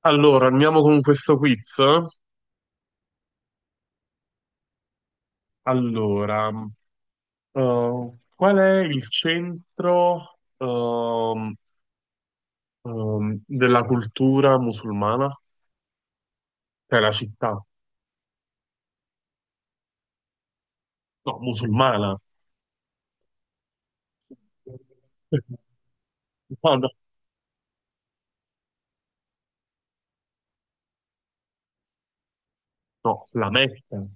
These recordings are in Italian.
Allora, andiamo con questo quiz. Allora, qual è il centro della cultura musulmana? Cioè la città? No, musulmana. No, no, no, la Mecca.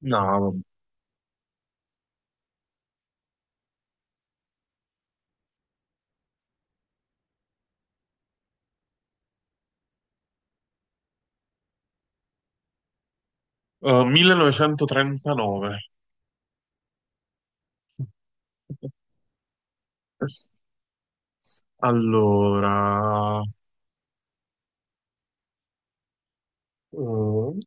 No, 1939. Allora, eh,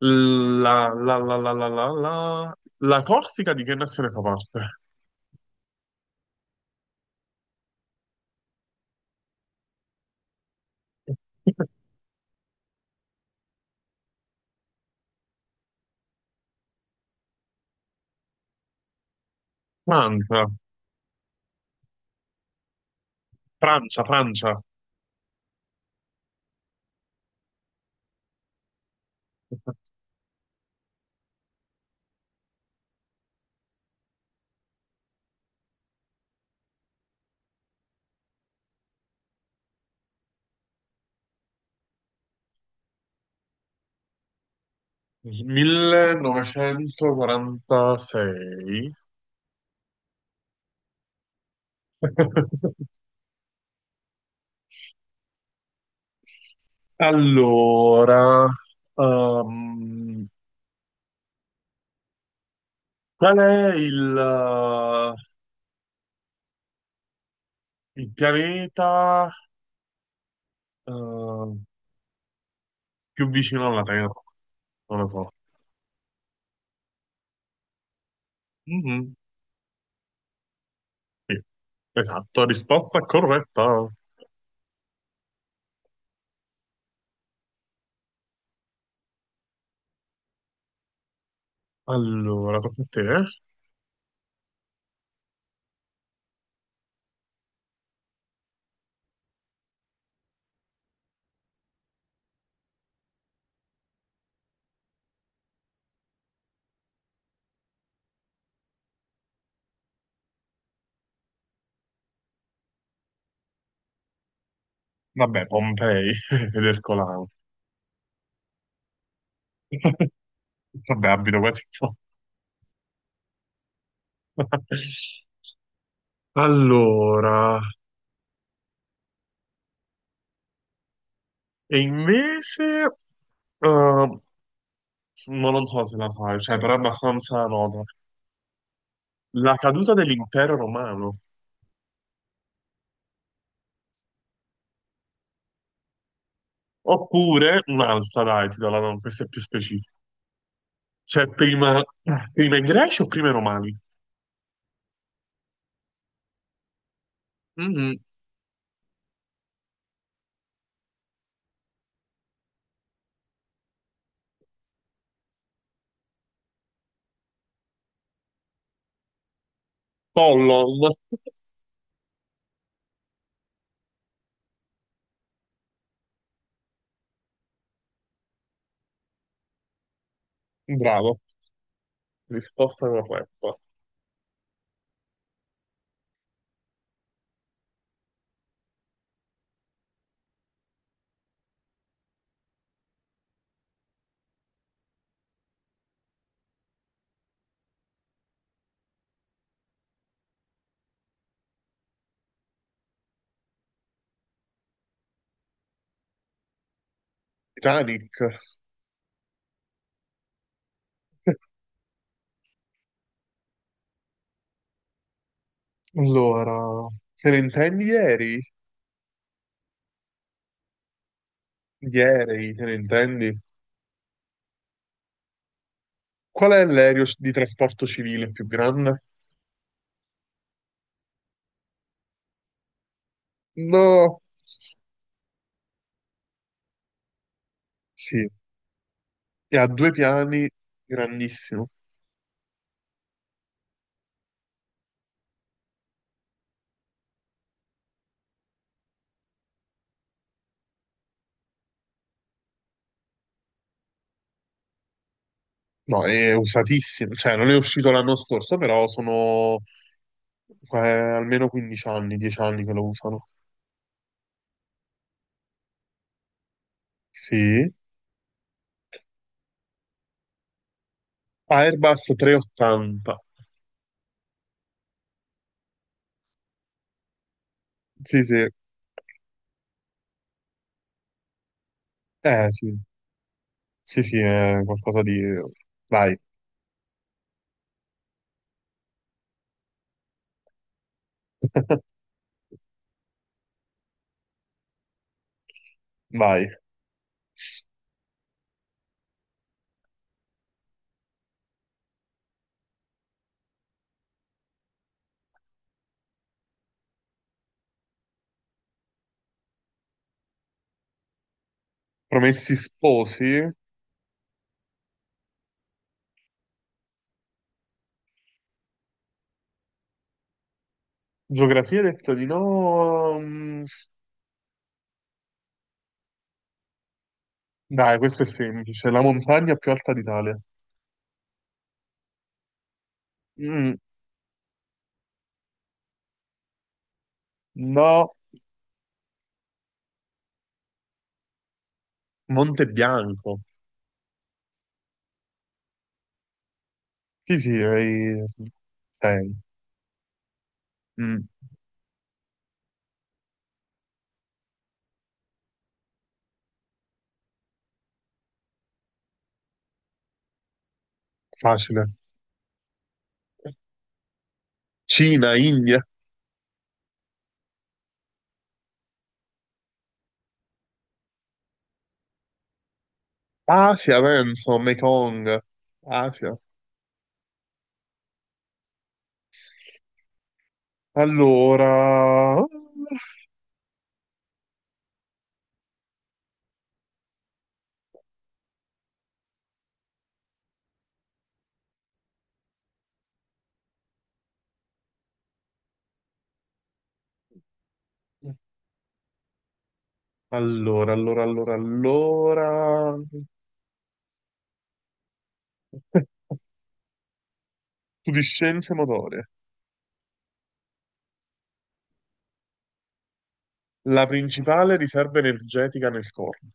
la Corsica di che nazione fa parte? Francia. Francia, Francia, 1946. Allora, ehm, qual è il pianeta eh, più vicino alla Terra? Non lo so. Mhm, sì, esatto, risposta corretta. Allora, tocca a te, eh? Vabbè, Pompei ed Ercolano. Vabbè, abito quasi qua. Allora, e invece, eh, ma non so se la sai, cioè, però è abbastanza nota. La caduta dell'impero romano. Oppure un'altra, dai, ti do la no, questa è più specifica. Cioè, prima, prima i greci o prima i romani? Mm, Pollo, bravo, risposta corretta. Titanic. Allora, te ne intendi ieri? Ieri, te ne intendi? Qual è l'aereo di trasporto civile più grande? No, sì, e ha due piani, grandissimo. No, è usatissimo, cioè non è uscito l'anno scorso, però sono almeno 15 anni, 10 anni che lo usano. Sì, Airbus 380. Sì, sì, eh sì, sì, sì, è qualcosa di... Vai, vai. Promessi sposi? Geografia hai detto di no. Dai, questo è semplice. La montagna più alta d'Italia. Mm, no, Monte Bianco. Sì, sì, hai... eh, mm, facile. Cina, India, Asia, penso, Mekong, Asia. Allora, allora. Tu di scienze motorie. La principale riserva energetica nel corpo.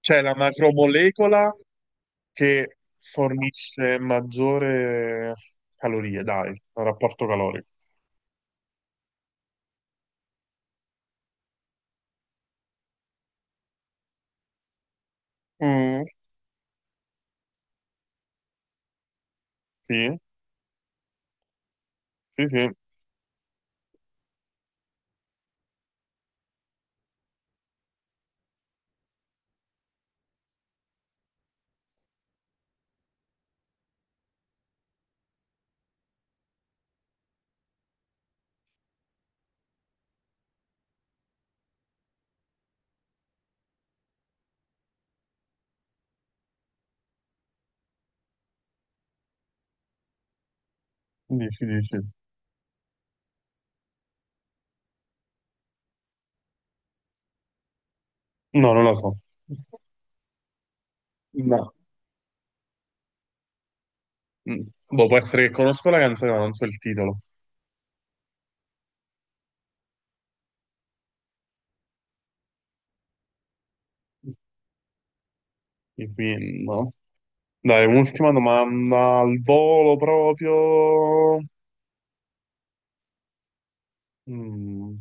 Cioè la macromolecola che fornisce maggiore calorie, dai, al rapporto calorico. Mm, sì, sì, sì, dici, dici. No, non lo so. No. Mm. Boh, può essere che conosco la canzone, ma non so il titolo. Quindi, no. Dai, un'ultima domanda al volo proprio. Mm.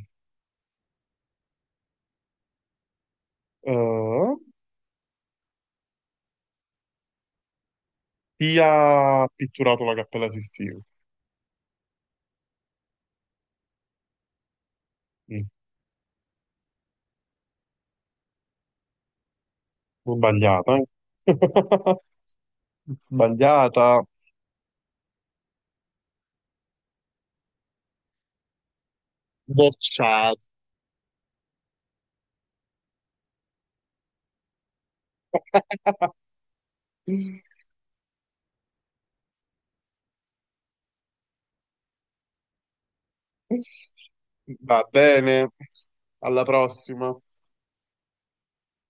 Eh, Chi ha pitturato la Cappella Sistina? Mm. Sbagliata, eh? Sbagliata. Bocciata. Va bene. Alla prossima.